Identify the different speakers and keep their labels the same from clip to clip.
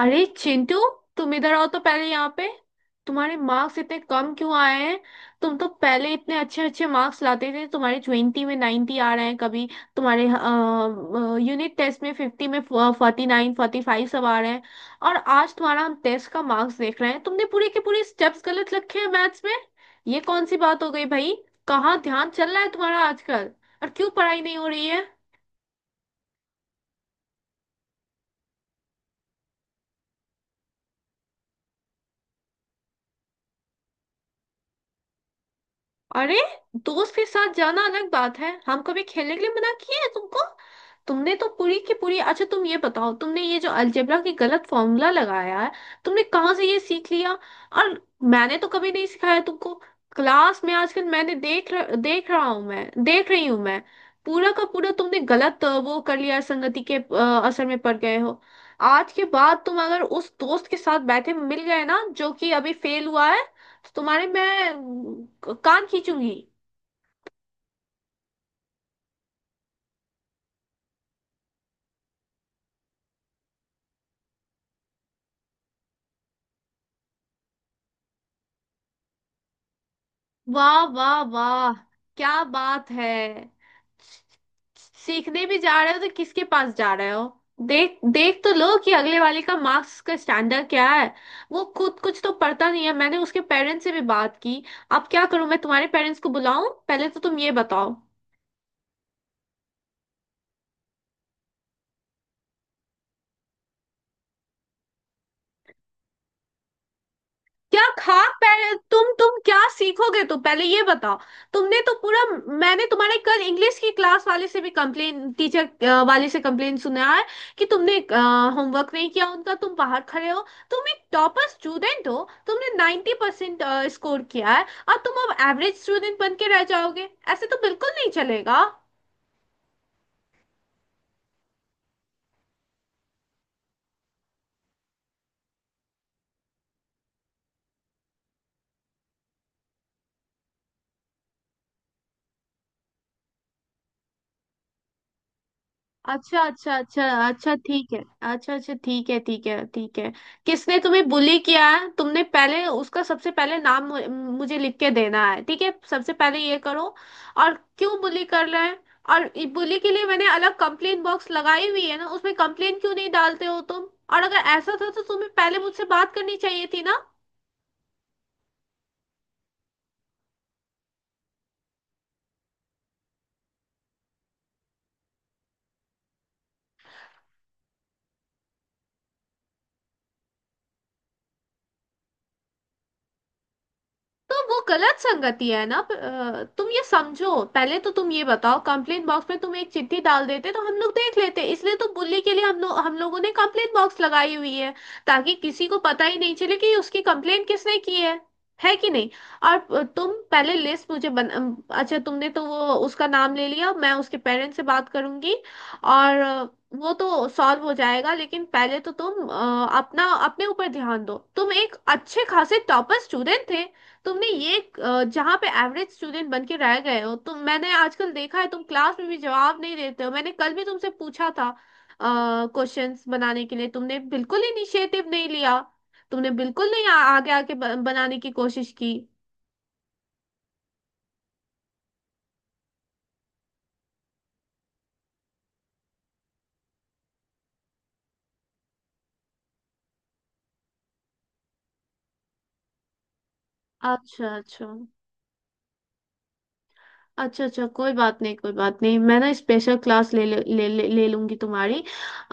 Speaker 1: अरे चिंटू, तुम इधर आओ तो पहले। यहाँ पे तुम्हारे मार्क्स इतने कम क्यों आए हैं। तुम तो पहले इतने अच्छे अच्छे मार्क्स लाते थे। तुम्हारे 20 में 90 आ रहे हैं कभी। तुम्हारे यूनिट टेस्ट में 50 में 49, 45 सब आ रहे हैं। और आज तुम्हारा हम टेस्ट का मार्क्स देख रहे हैं, तुमने पूरे के पूरे स्टेप्स गलत रखे हैं मैथ्स में। ये कौन सी बात हो गई भाई। कहाँ ध्यान चल रहा है तुम्हारा आजकल। और क्यों पढ़ाई नहीं हो रही है। अरे, दोस्त के साथ जाना अलग बात है, हम कभी खेलने के लिए मना किए हैं तुमको? तुमने तो पूरी की पूरी। अच्छा तुम ये बताओ, तुमने ये जो अलजेब्रा की गलत फॉर्मूला लगाया है, तुमने कहाँ से ये सीख लिया? और मैंने तो कभी नहीं सिखाया तुमको। क्लास में आजकल मैंने देख रही हूँ मैं। पूरा का पूरा तुमने गलत वो कर लिया है, संगति के असर में पड़ गए हो। आज के बाद तुम अगर उस दोस्त के साथ बैठे मिल गए ना जो कि अभी फेल हुआ है, तो तुम्हारे मैं कान खींचूंगी। वाह वाह वाह, क्या बात है। सीखने भी जा रहे हो तो किसके पास जा रहे हो? देख देख तो लो कि अगले वाले का मार्क्स का स्टैंडर्ड क्या है। वो खुद कुछ तो पढ़ता नहीं है, मैंने उसके पेरेंट्स से भी बात की। अब क्या करूं, मैं तुम्हारे पेरेंट्स को बुलाऊं? पहले तो तुम ये बताओ। क्या खा। पहले तुम क्या सीखोगे, तो पहले ये बताओ। तुमने तो पूरा। मैंने तुम्हारे कल इंग्लिश की क्लास वाले से भी कंप्लेन, टीचर वाले से कंप्लेन सुना है कि तुमने होमवर्क नहीं किया उनका, तुम बाहर खड़े हो। तुम एक टॉपर स्टूडेंट हो, तुमने 90% परसेंट स्कोर किया है। और तुम अब एवरेज स्टूडेंट बन के रह जाओगे, ऐसे तो बिल्कुल नहीं चलेगा। अच्छा अच्छा अच्छा अच्छा, ठीक है। अच्छा अच्छा, ठीक है ठीक है ठीक है। किसने तुम्हें बुली किया है, तुमने पहले उसका, सबसे पहले नाम मुझे लिख के देना है, ठीक है? सबसे पहले ये करो। और क्यों बुली कर रहे हैं? और बुली के लिए मैंने अलग कंप्लेन बॉक्स लगाई हुई है ना, उसमें कंप्लेन क्यों नहीं डालते हो तुम? और अगर ऐसा था तो तुम्हें पहले मुझसे बात करनी चाहिए थी ना। तो वो गलत संगति है ना। तुम ये समझो। पहले तो तुम ये बताओ, कंप्लेंट बॉक्स में तुम एक चिट्ठी डाल देते तो हम लोग देख लेते, इसलिए तो बुल्ली के लिए हम लोगों ने कंप्लेंट बॉक्स लगाई हुई है, ताकि किसी को पता ही नहीं चले कि उसकी कंप्लेंट किसने की है। है कि नहीं? और तुम पहले लिस्ट मुझे बन, अच्छा, तुमने तो वो उसका नाम ले लिया, मैं उसके पेरेंट्स से बात करूंगी। और वो तो सॉल्व हो जाएगा, लेकिन पहले तो तुम अ, अपना अपने ऊपर ध्यान दो। तुम एक अच्छे खासे टॉपर स्टूडेंट थे। तुमने ये जहाँ पे एवरेज स्टूडेंट बन के रह गए हो तुम। मैंने आजकल देखा है, तुम क्लास में भी जवाब नहीं देते हो, मैंने कल भी तुमसे पूछा था। क्वेश्चंस बनाने के लिए तुमने बिल्कुल इनिशिएटिव नहीं लिया। तुमने बिल्कुल नहीं आगे आके बनाने की कोशिश की। अच्छा अच्छा अच्छा अच्छा, कोई बात नहीं, कोई बात नहीं। मैं ना स्पेशल क्लास ले ले ले ले ले लूंगी तुम्हारी।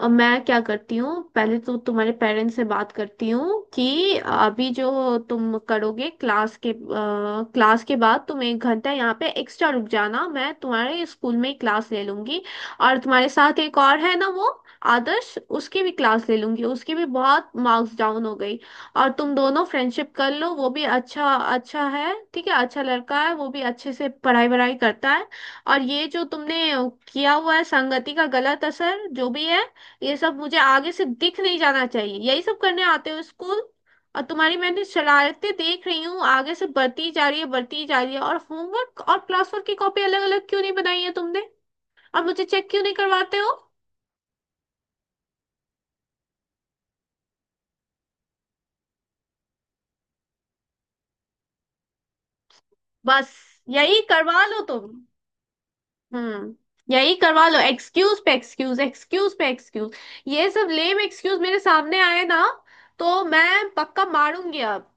Speaker 1: अब मैं क्या करती हूँ, पहले तो तुम्हारे पेरेंट्स से बात करती हूँ कि अभी जो तुम करोगे क्लास के बाद, तुम एक घंटा यहाँ पे एक्स्ट्रा रुक जाना, मैं तुम्हारे स्कूल में ही क्लास ले लूंगी। और तुम्हारे साथ एक और है ना, वो आदर्श, उसकी भी क्लास ले लूंगी, उसकी भी बहुत मार्क्स डाउन हो गई। और तुम दोनों फ्रेंडशिप कर लो, वो भी अच्छा, अच्छा है, ठीक है, अच्छा लड़का है, वो भी अच्छे से पढ़ाई वढ़ाई करता है। और ये जो तुमने किया हुआ है, संगति का गलत असर जो भी है, ये सब मुझे आगे से दिख नहीं जाना चाहिए। यही सब करने आते हो स्कूल? और तुम्हारी मैंने शरारतें देख रही हूँ आगे से बढ़ती जा रही है, बढ़ती जा रही है। और होमवर्क और क्लास वर्क की कॉपी अलग अलग क्यों नहीं बनाई है तुमने, और मुझे चेक क्यों नहीं करवाते हो? बस। यही करवा लो तुम। हम्म। यही करवा लो, एक्सक्यूज पे एक्सक्यूज, एक्सक्यूज पे एक्सक्यूज। ये सब लेम एक्सक्यूज मेरे सामने आए ना, तो मैं पक्का मारूंगी अब।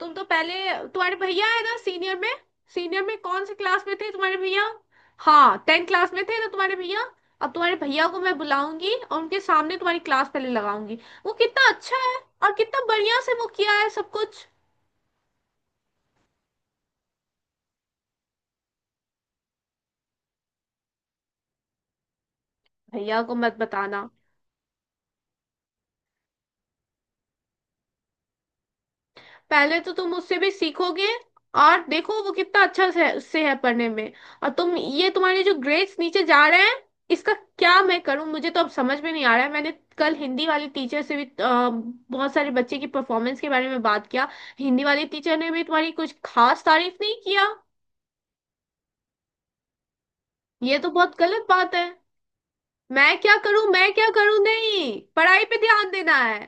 Speaker 1: तुम तो पहले, तुम्हारे भैया है ना सीनियर में, सीनियर में कौन से क्लास में थे तुम्हारे भैया? हाँ, 10th क्लास में थे ना तुम्हारे भैया। अब तुम्हारे भैया को मैं बुलाऊंगी और उनके सामने तुम्हारी क्लास पहले लगाऊंगी। वो कितना अच्छा है, और कितना बढ़िया से वो किया है सब कुछ। भैया को मत बताना। पहले तो तुम उससे भी सीखोगे, और देखो वो कितना अच्छा से है पढ़ने में। और तुम ये, तुम्हारे जो ग्रेड्स नीचे जा रहे हैं इसका क्या मैं करूं? मुझे तो अब समझ में नहीं आ रहा है। मैंने कल हिंदी वाली टीचर से भी बहुत सारे बच्चे की परफॉर्मेंस के बारे में बात किया, हिंदी वाली टीचर ने भी तुम्हारी कुछ खास तारीफ नहीं किया। ये तो बहुत गलत बात है। मैं क्या करूं, मैं क्या करूं? नहीं, पढ़ाई पे ध्यान देना है।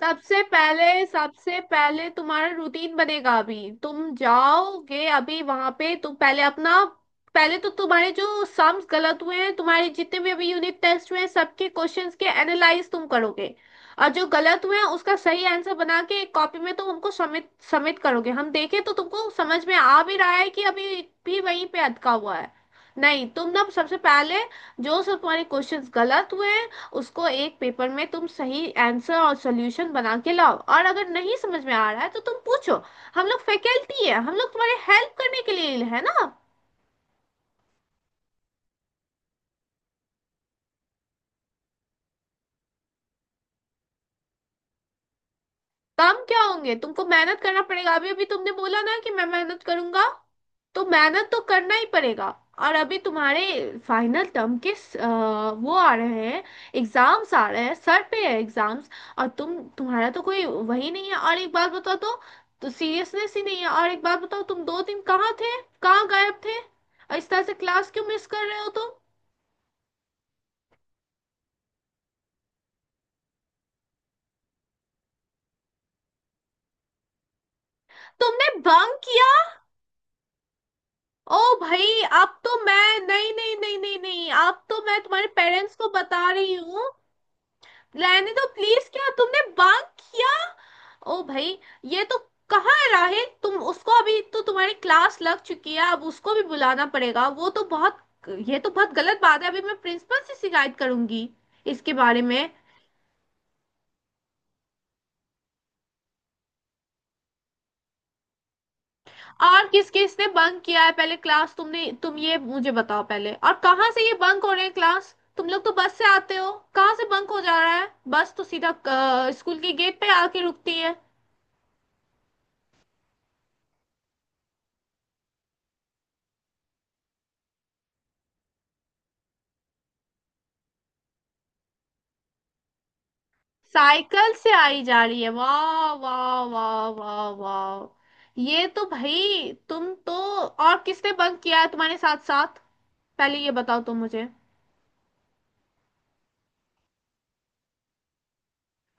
Speaker 1: सबसे पहले, सबसे पहले तुम्हारा रूटीन बनेगा। अभी तुम जाओगे, अभी वहां पे तुम पहले अपना, पहले तो तुम्हारे जो सम्स गलत हुए हैं, तुम्हारे जितने भी अभी यूनिट टेस्ट हुए हैं, सबके क्वेश्चंस के एनालाइज तुम करोगे। और जो गलत हुए हैं उसका सही आंसर बना के एक कॉपी में तुम हमको सबमिट सबमिट करोगे, हम देखें तो तुमको समझ में आ भी रहा है कि अभी भी वहीं पे अटका हुआ है। नहीं, तुम ना सबसे पहले जो सब तुम्हारे क्वेश्चंस गलत हुए हैं, उसको एक पेपर में तुम सही आंसर और सॉल्यूशन बना के लाओ। और अगर नहीं समझ में आ रहा है तो तुम पूछो, हम लोग फैकल्टी है, हम लोग तुम्हारे हेल्प करने के लिए है ना। काम क्या होंगे, तुमको मेहनत करना पड़ेगा। अभी अभी तुमने बोला ना कि मैं मेहनत करूंगा, तो मेहनत तो करना ही पड़ेगा। और अभी तुम्हारे फाइनल टर्म के अ, वो आ रहे हैं, एग्जाम्स आ रहे हैं, सर पे है एग्जाम्स। और तुम, तुम्हारा तो कोई वही नहीं है, और एक बात बताओ तो सीरियसनेस ही नहीं है। और एक बात बताओ, तुम दो दिन कहाँ थे? कहाँ गायब थे? और इस तरह से क्लास क्यों मिस कर रहे हो तुम? तुमने बंक किया? ओ भाई। अब तो मैं, नहीं नहीं नहीं नहीं नहीं, अब तो मैं तुम्हारे पेरेंट्स को बता रही हूँ। रहने दो प्लीज, क्या तुमने बांक किया? ओ भाई, ये तो। कहाँ है राहिल, तुम उसको, अभी तो तुम्हारी क्लास लग चुकी है, अब उसको भी बुलाना पड़ेगा, वो तो बहुत, ये तो बहुत गलत बात है। अभी मैं प्रिंसिपल से शिकायत करूंगी इसके बारे में। और किस किसने बंक किया है पहले क्लास, तुमने, तुम ये मुझे बताओ पहले। और कहाँ से ये बंक हो रहे हैं क्लास, तुम लोग तो बस से आते हो, कहाँ से बंक हो जा रहा है? बस तो सीधा स्कूल के गेट पे आके रुकती है। साइकिल से आई जा रही है, वाह वाह वाह वाह वाह, ये तो भाई, तुम तो। और किसने बंक किया है तुम्हारे साथ साथ? पहले ये बताओ तुम मुझे।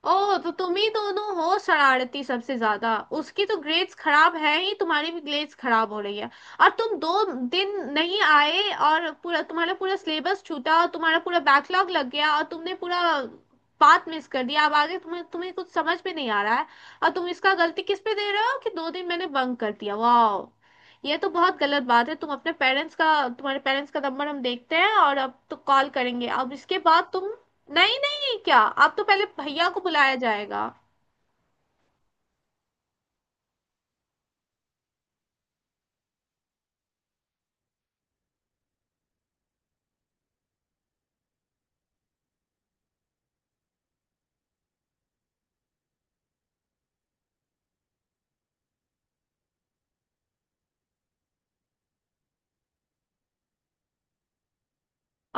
Speaker 1: ओह, तो तुम ही दोनों हो शरारती सबसे ज्यादा, उसकी तो ग्रेड्स खराब है ही, तुम्हारी भी ग्रेड्स खराब हो रही है। और तुम दो दिन नहीं आए, और पूरा तुम्हारा, पूरा सिलेबस छूटा और तुम्हारा पूरा बैकलॉग लग गया, और तुमने पूरा बात मिस कर दिया, अब आगे तुम्हें तुम्हें कुछ समझ में नहीं आ रहा है। और तुम इसका गलती किस पे दे रहे हो कि दो दिन मैंने बंक कर दिया? वाह, ये तो बहुत गलत बात है। तुम अपने पेरेंट्स का, तुम्हारे पेरेंट्स का नंबर हम देखते हैं, और अब तो कॉल करेंगे, अब इसके बाद तुम। नहीं नहीं क्या? अब तो पहले भैया को बुलाया जाएगा।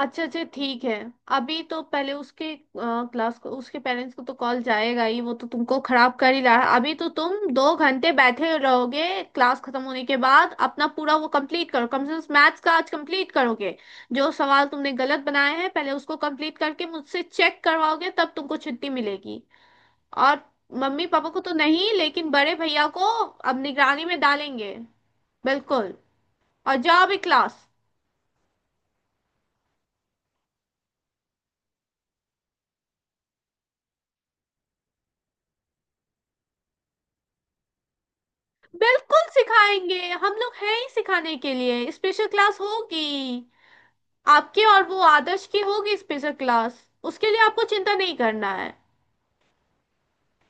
Speaker 1: अच्छा अच्छा, ठीक है। अभी तो पहले उसके क्लास को, उसके पेरेंट्स को तो कॉल जाएगा ही, वो तो तुमको खराब कर ही रहा है। अभी तो तुम दो घंटे बैठे रहोगे क्लास खत्म होने के बाद, अपना पूरा वो कंप्लीट करो, कम से कम मैथ्स का आज कंप्लीट करोगे। जो सवाल तुमने गलत बनाए हैं पहले उसको कंप्लीट करके मुझसे चेक करवाओगे, तब तुमको छुट्टी मिलेगी। और मम्मी पापा को तो नहीं, लेकिन बड़े भैया को अब निगरानी में डालेंगे। बिल्कुल। और जाओ भी क्लास। बिल्कुल सिखाएंगे, हम लोग हैं ही सिखाने के लिए, स्पेशल क्लास होगी। आपके और वो आदर्श की होगी स्पेशल क्लास। उसके लिए आपको चिंता नहीं करना है।